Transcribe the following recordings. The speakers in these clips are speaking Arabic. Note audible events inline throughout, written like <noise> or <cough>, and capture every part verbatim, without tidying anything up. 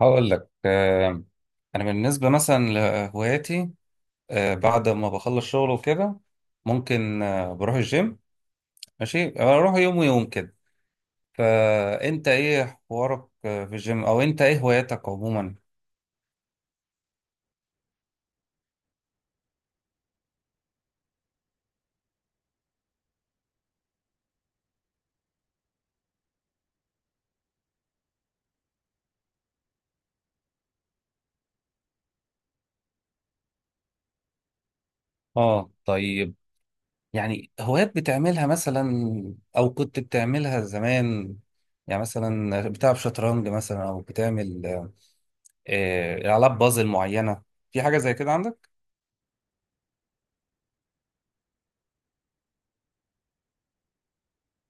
هقول لك آه، انا بالنسبه مثلا لهواياتي. آه، بعد ما بخلص شغل وكده ممكن آه، بروح الجيم. ماشي، اروح يوم ويوم كده. فانت ايه حوارك آه، في الجيم، او انت ايه هواياتك عموما؟ اه طيب. يعني هوايات بتعملها مثلا، او كنت بتعملها زمان؟ يعني مثلا بتلعب شطرنج مثلا، او بتعمل آه، آه، العاب بازل معينه؟ في حاجه زي كده عندك؟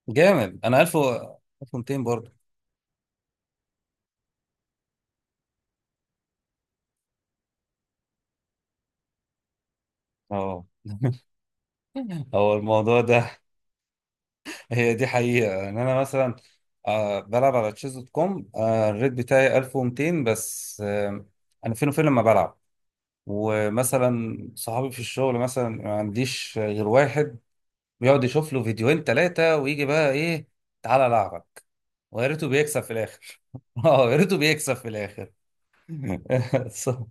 جامد. انا ألف و- ألف ومئتين برضه. اه. <laughs> هو الموضوع ده، هي دي حقيقة ان انا مثلا آه، بلعب على تشيز دوت كوم. آه، الريت بتاعي ألف ومئتين بس. آه، انا فين وفين لما بلعب. ومثلا صحابي في الشغل مثلا ما عنديش غير واحد بيقعد يشوف له فيديوهين ثلاثة ويجي بقى ايه، تعالى العبك. ويا ريته بيكسب في الاخر. <laughs> اه، يا ريته بيكسب في الاخر. <laughs> صح.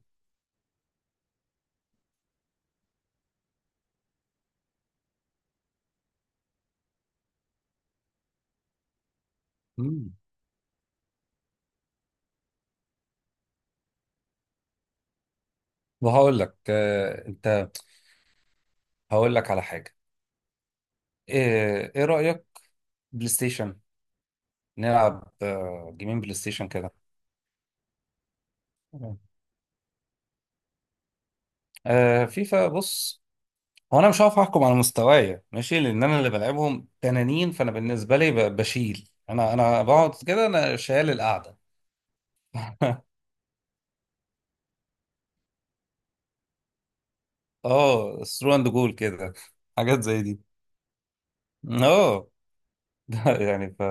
مم. وهقول لك آه، انت، هقول لك على حاجة. ايه إيه رأيك؟ بلاي ستيشن، نلعب آه، جيمين بلاي ستيشن كده. تمام. آه، فيفا. بص، هو انا مش هعرف احكم على مستواي ماشي، لان انا اللي بلعبهم تنانين. فانا بالنسبه لي ب- بشيل، انا انا بقعد كده، انا شايل القعده. <laughs> اه، ثرو اند جول كده، حاجات زي دي. اه. <laughs> ده يعني ف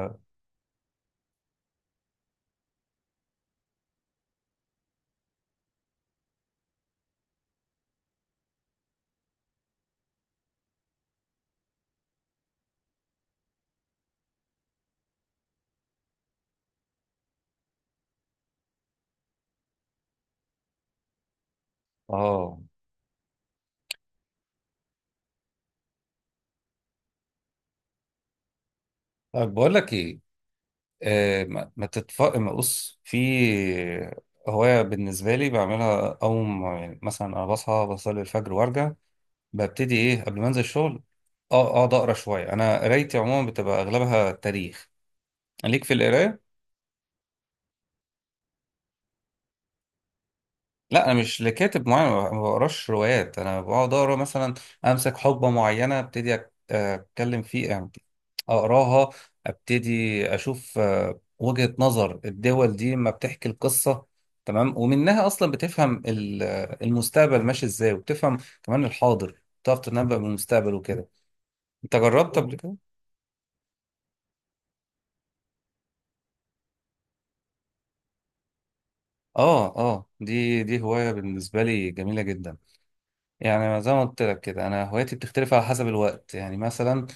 اه. طب بقول لك ايه. آه ما, ما تتف ما بص، في هوايه بالنسبه لي بعملها اقوم. يعني مثلا انا بصحى بصلي الفجر وارجع، ببتدي ايه قبل ما انزل الشغل، اه اقعد اقرا شويه. انا قرايتي عموما بتبقى اغلبها تاريخ. ليك في القرايه؟ لا، انا مش لكاتب معين. ما ما بقراش روايات. انا بقعد اقرا مثلا، امسك حقبه معينه، ابتدي أك- اتكلم فيه يعني، اقراها، ابتدي اشوف آه، وجهة نظر الدول دي ما بتحكي القصة. تمام. ومنها اصلا بتفهم ال- آه، المستقبل ماشي ازاي، وبتفهم كمان الحاضر، بتعرف تنبأ بالمستقبل وكده. انت جربت قبل كده؟ اه، اه، دي دي هواية بالنسبة لي جميلة جدا. يعني زي ما قلت لك كده، انا هواياتي بتختلف على حسب الوقت. يعني مثلا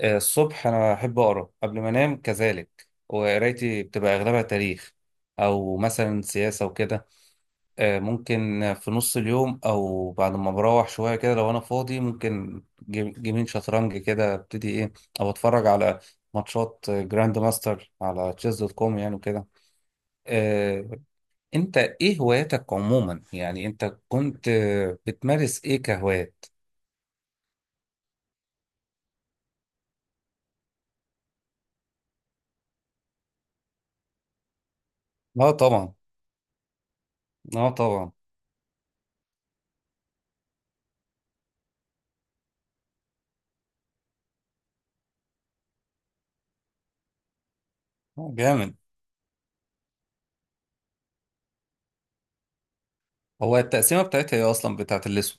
آه، الصبح انا بحب اقرا قبل ما انام كذلك، وقرايتي بتبقى اغلبها تاريخ، او مثلا سياسة وكده. آه، ممكن في نص اليوم، او بعد ما بروح شوية كده لو انا فاضي، ممكن جيم- جيمين شطرنج كده، ابتدي ايه، او اتفرج على ماتشات جراند ماستر على تشيز دوت كوم يعني وكده. آه، انت ايه هواياتك عموما؟ يعني انت كنت بتمارس ايه كهوايات؟ اه طبعا، اه طبعا. آه، جامد. هو التقسيمه بتاعتها ايه اصلا بتاعت الاسود،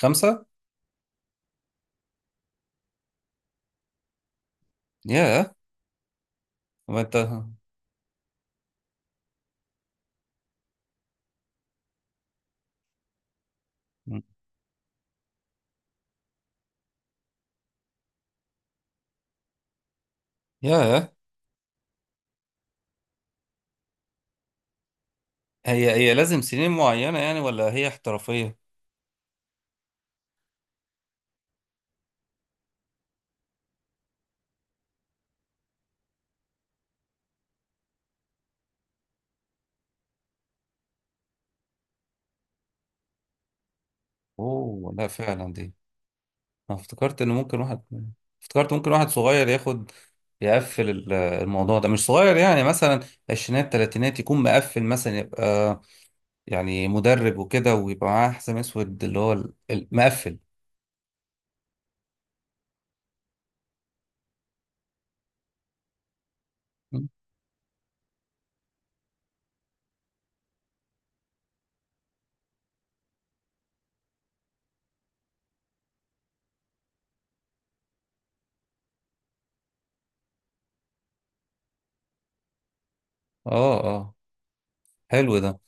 خمسه؟ ياه. هو انت ياه. هي هي لازم سنين معينه يعني، ولا هي احترافيه؟ اوه، لا فعلا دي. انا افتكرت ان ممكن واحد، افتكرت ممكن واحد صغير ياخد، يقفل ال- الموضوع ده، مش صغير يعني. مثلا عشرينات تلاتينات يكون مقفل مثلا، يبقى يعني مدرب وكده، ويبقى معاه حزام اسود اللي هو ال- المقفل. اه، اه. حلو ده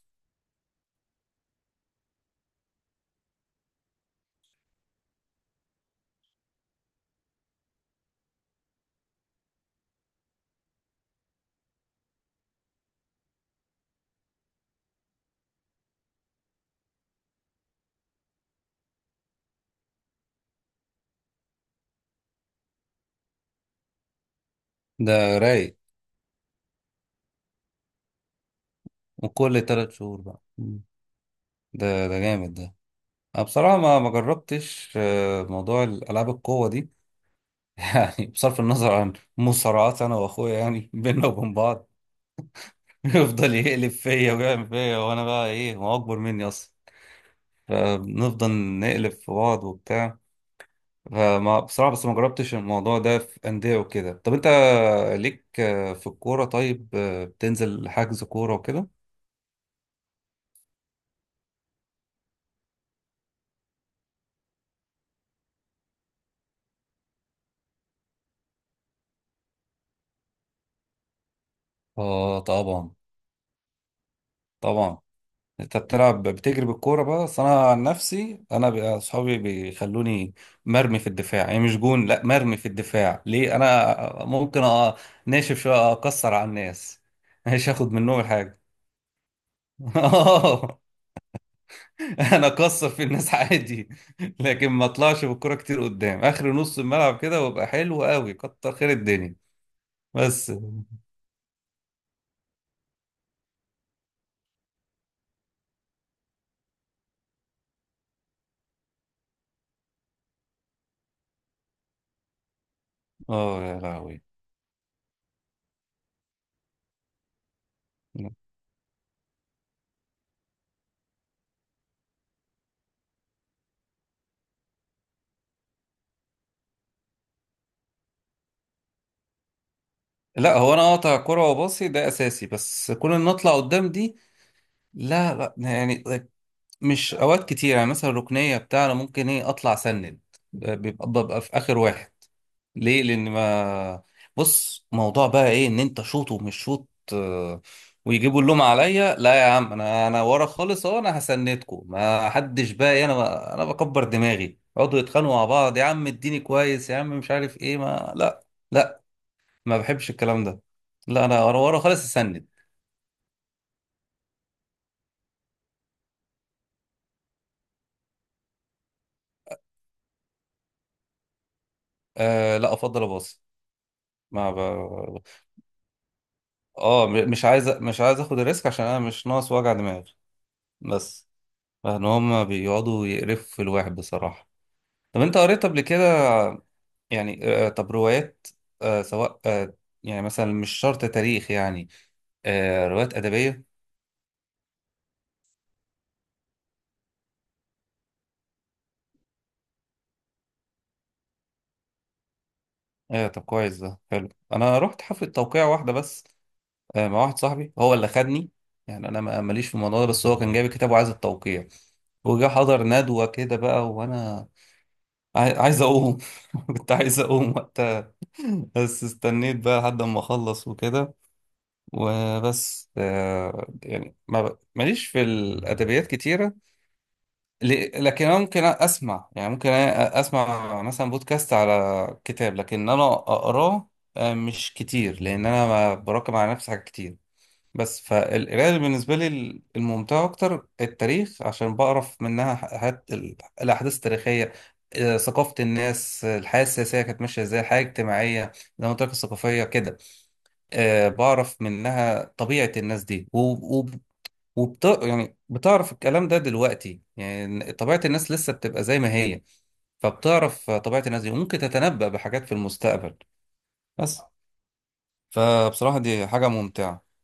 ده رايق. وكل تلات شهور بقى. مم. ده ده جامد ده. انا بصراحة ما ما جربتش آه، موضوع الالعاب القوة دي. <laughs> يعني بصرف النظر عن مصارعات انا واخويا يعني <laughs> بينا وبين بعض، <laughs> يفضل يقلب فيا ويعمل فيا، وانا بقى ايه، هو اكبر مني اصلا. فبنفضل نقلب في بعض وبتاع. فما بصراحة بس ما جربتش الموضوع ده في أندية وكده. طب أنت ليك آه، في الكورة؟ طيب، آه، بتنزل حجز كورة وكده؟ آه طبعا، طبعا. أنت بتلعب بتجري بالكورة بقى؟ أصل أنا عن نفسي، أنا بي- أصحابي بيخلوني مرمي في الدفاع. يعني مش جون، لا مرمي في الدفاع. ليه؟ أنا ممكن أ- ناشف شوية أكسر على الناس، مش هاخد منهم الحاجة. <laughs> <laughs> انا اكسر في الناس عادي، لكن ما اطلعش بالكرة كتير قدام اخر نص الملعب كده، وابقى حلو قوي كتر خير الدنيا بس. اه يا لهوي. لا، هو انا اقطع كرة وباصي، ده اساسي. بس كون ان اطلع قدام دي، لا لا. يعني مش اوقات كتير. يعني مثلا الركنيه بتاع، انا ممكن ايه اطلع سند، بيبقى ببقى في اخر واحد. ليه؟ لان ما بص، موضوع بقى ايه، ان انت شوط ومش شوط آه، ويجيبوا اللوم عليا. لا يا عم، انا انا ورا خالص، اهو انا هسندكم، ما حدش بقى إيه، انا انا بكبر دماغي، يقعدوا يتخانقوا مع بعض، يا عم اديني كويس، يا عم مش عارف ايه، ما لا. لا ما بحبش الكلام ده. لا انا ورا ورا خالص اسند. أه لا، افضل اباصي. ما ب... اه م- مش عايز مش عايز اخد الريسك، عشان انا مش ناقص وجع دماغ بس. لان هما بيقعدوا يقرفوا في الواحد بصراحة. طب انت قريت قبل كده؟ يعني آه، طب روايات، آه، سواء آه، يعني مثلا مش شرط تاريخ يعني، آه، روايات أدبية؟ آه، طب كويس، ده حلو. انا رحت حفلة توقيع واحدة بس، آه، مع واحد صاحبي هو اللي خدني. يعني انا ما- ماليش في الموضوع ده، بس هو كان جايب الكتاب وعايز التوقيع، وجا حضر ندوة كده بقى. وانا عاي- عايز اقوم، <laughs> كنت عايز اقوم، بس استنيت بقى لحد ما اخلص وكده. وبس آه، يعني ما ب- ماليش في الادبيات كتيره. ل- لكن انا ممكن اسمع، يعني ممكن أ- اسمع مثلا بودكاست على كتاب، لكن انا اقراه آه، مش كتير، لان انا ما براكم على نفسي حاجات كتير بس. فالقرايه اللي بالنسبه لي الممتعه اكتر التاريخ، عشان بعرف منها حاجات ال- الاحداث التاريخيه، آه، ثقافه الناس، آه، الحياه السياسيه كانت ماشيه ازاي، الحياه الاجتماعيه زي ما قلت لك، الثقافيه كده. آه، بعرف منها طبيعة الناس دي و... و... وبت... يعني بتعرف الكلام ده، دلوقتي يعني طبيعة الناس لسه بتبقى زي ما هي. فبتعرف طبيعة الناس دي، وممكن تتنبأ بحاجات في المستقبل بس. فبصراحة دي حاجة ممتعة.